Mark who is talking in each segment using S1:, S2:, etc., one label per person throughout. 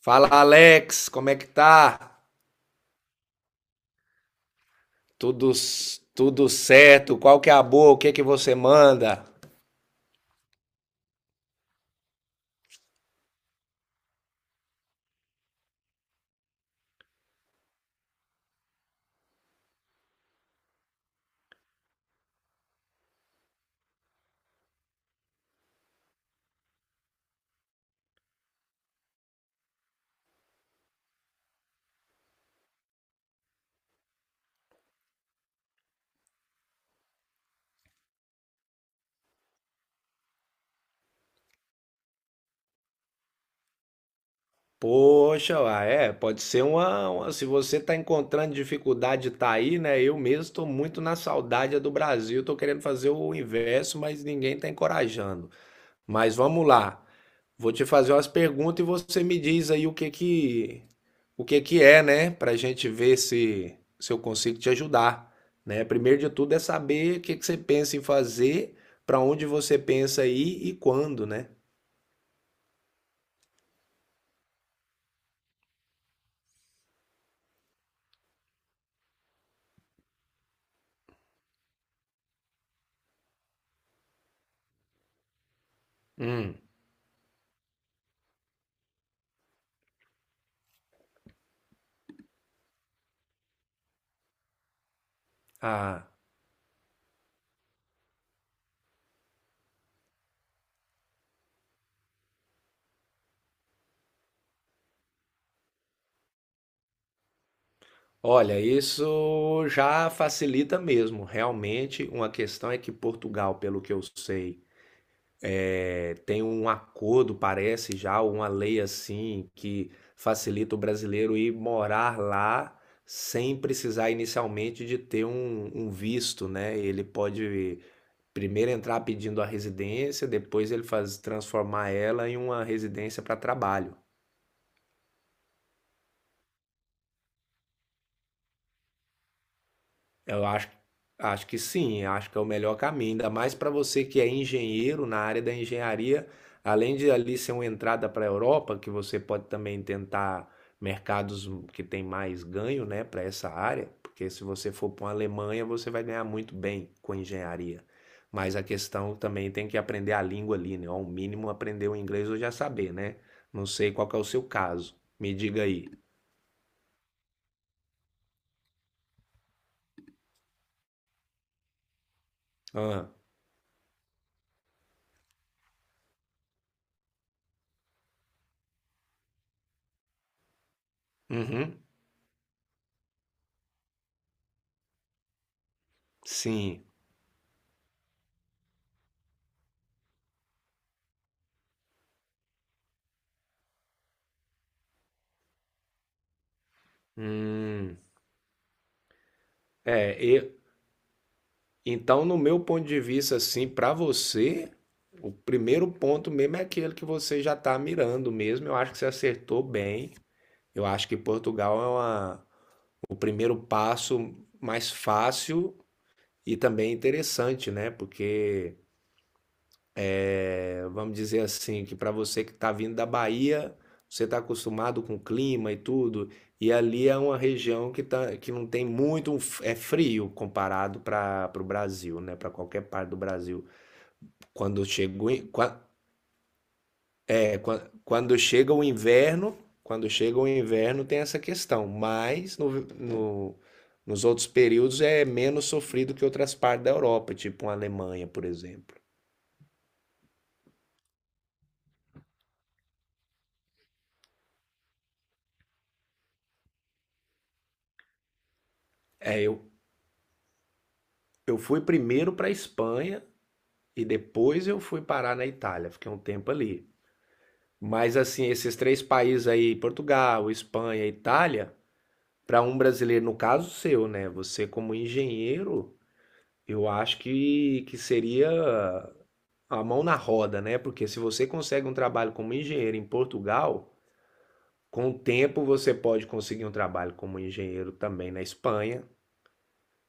S1: Fala, Alex, como é que tá? Tudo, tudo certo? Qual que é a boa? O que é que você manda? Poxa, uai, é, pode ser Se você tá encontrando dificuldade, tá aí, né? Eu mesmo tô muito na saudade do Brasil, tô querendo fazer o inverso, mas ninguém tá encorajando. Mas vamos lá. Vou te fazer umas perguntas e você me diz aí o que que é, né, pra gente ver se eu consigo te ajudar, né? Primeiro de tudo é saber o que que você pensa em fazer, pra onde você pensa ir e quando, né? Hum. Ah, olha, isso já facilita mesmo. Realmente, uma questão é que Portugal, pelo que eu sei, tem um acordo, parece já, uma lei assim, que facilita o brasileiro ir morar lá sem precisar inicialmente de ter um visto, né? Ele pode primeiro entrar pedindo a residência, depois ele faz transformar ela em uma residência para trabalho. Eu acho, acho que sim, acho que é o melhor caminho, ainda mais para você que é engenheiro na área da engenharia, além de ali ser uma entrada para a Europa, que você pode também tentar mercados que tem mais ganho, né, para essa área, porque se você for para uma Alemanha, você vai ganhar muito bem com engenharia. Mas a questão também tem que aprender a língua ali, né? Ao mínimo aprender o inglês ou já saber, né? Não sei qual que é o seu caso. Me diga aí. Ah, uhum, sim. Hum. É, então, no meu ponto de vista, assim, para você, o primeiro ponto mesmo é aquele que você já está mirando mesmo. Eu acho que você acertou bem. Eu acho que Portugal é uma- O primeiro passo mais fácil e também interessante, né? Porque, é, vamos dizer assim, que para você que está vindo da Bahia, você está acostumado com o clima e tudo, e ali é uma região que, tá, que não tem muito, é frio comparado para o Brasil, né? Para qualquer parte do Brasil. Quando chega é, quando chega o inverno, quando chega o inverno tem essa questão, mas nos outros períodos é menos sofrido que outras partes da Europa, tipo a Alemanha, por exemplo. É, eu fui primeiro para a Espanha e depois eu fui parar na Itália, fiquei um tempo ali. Mas assim, esses três países aí, Portugal, Espanha, Itália, para um brasileiro, no caso seu, né? Você como engenheiro, eu acho que seria a mão na roda, né? Porque se você consegue um trabalho como engenheiro em Portugal, com o tempo você pode conseguir um trabalho como engenheiro também na Espanha,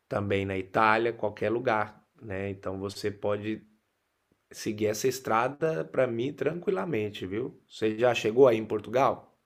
S1: também na Itália, qualquer lugar, né? Então você pode seguir essa estrada para mim tranquilamente, viu? Você já chegou aí em Portugal?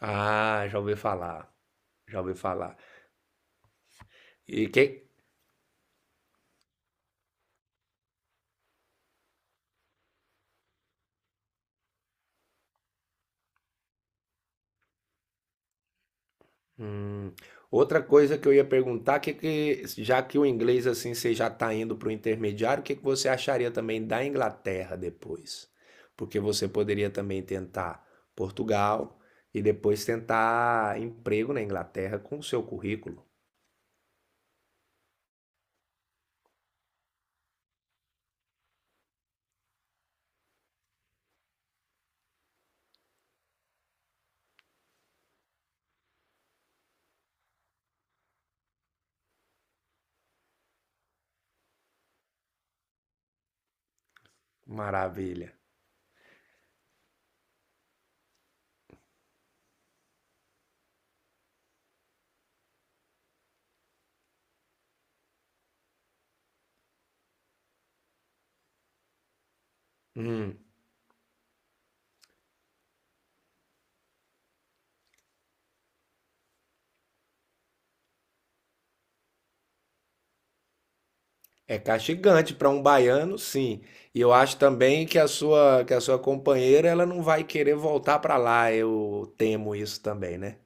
S1: Ah, já ouvi falar, já ouvi falar. E que, Hum. Outra coisa que eu ia perguntar, já que o inglês assim você já está indo para o intermediário, o que que você acharia também da Inglaterra depois? Porque você poderia também tentar Portugal e depois tentar emprego na Inglaterra com o seu currículo. Maravilha. Hum. É castigante para um baiano, sim. E eu acho também que a sua companheira ela não vai querer voltar para lá. Eu temo isso também, né?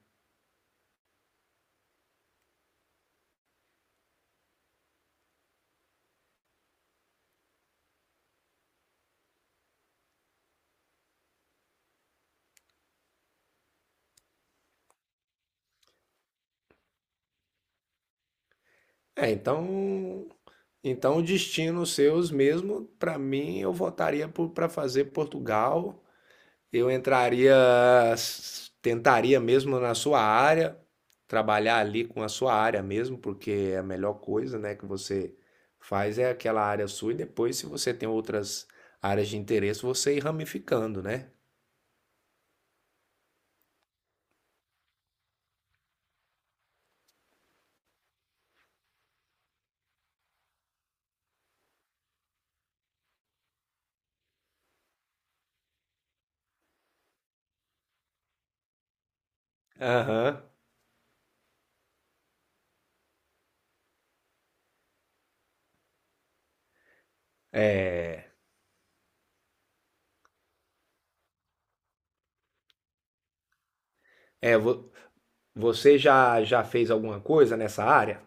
S1: É, então, Então, o destino seus mesmo, para mim, eu votaria para fazer Portugal. Eu entraria, tentaria mesmo na sua área, trabalhar ali com a sua área mesmo, porque é a melhor coisa, né, que você faz é aquela área sua e depois, se você tem outras áreas de interesse, você ir ramificando, né? Aham. É, você já fez alguma coisa nessa área?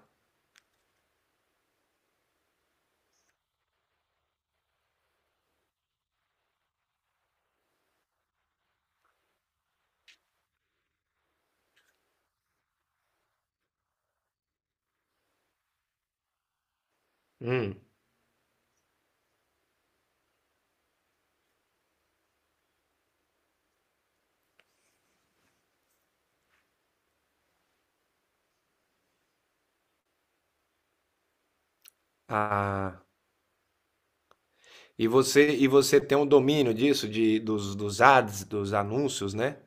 S1: Hum. Ah, e você, e você tem um domínio disso, dos, dos ads, dos anúncios, né?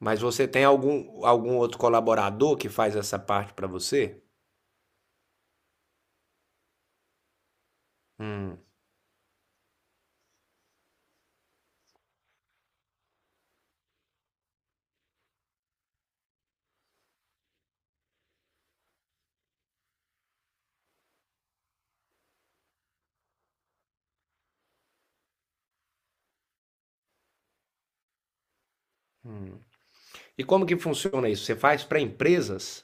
S1: Mas você tem algum, algum outro colaborador que faz essa parte para você? Hum. E como que funciona isso? Você faz para empresas?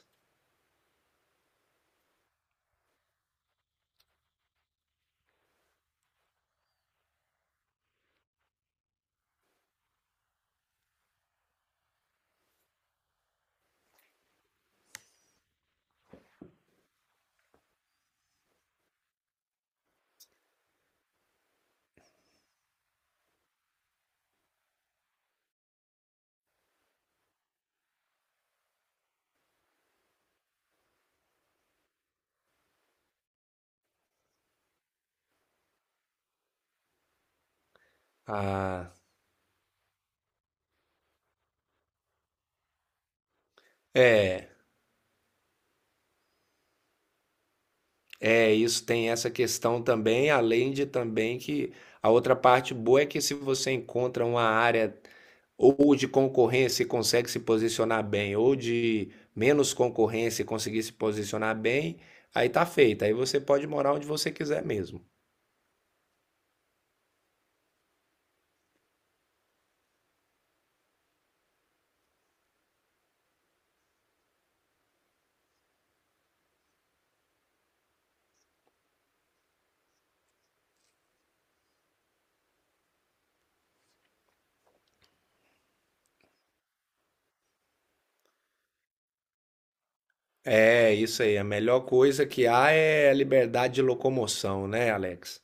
S1: Ah, é, é, isso tem essa questão também, além de também que a outra parte boa é que se você encontra uma área ou de concorrência e consegue se posicionar bem, ou de menos concorrência e conseguir se posicionar bem, aí tá feito. Aí você pode morar onde você quiser mesmo. É, isso aí. A melhor coisa que há é a liberdade de locomoção, né, Alex?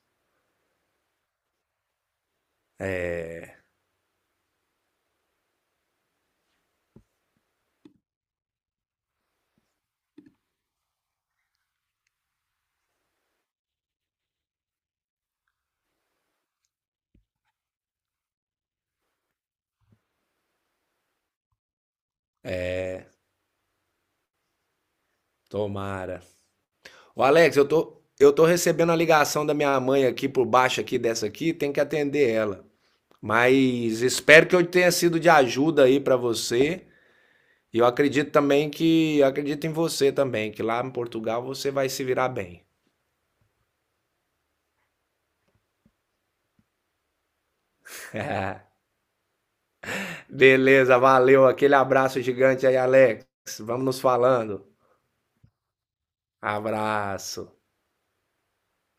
S1: Tomara. Ô, Alex, eu tô recebendo a ligação da minha mãe aqui por baixo aqui dessa aqui, tem que atender ela. Mas espero que eu tenha sido de ajuda aí pra você. Eu acredito em você também, que lá em Portugal você vai se virar bem. Beleza, valeu. Aquele abraço gigante aí, Alex. Vamos nos falando. Abraço.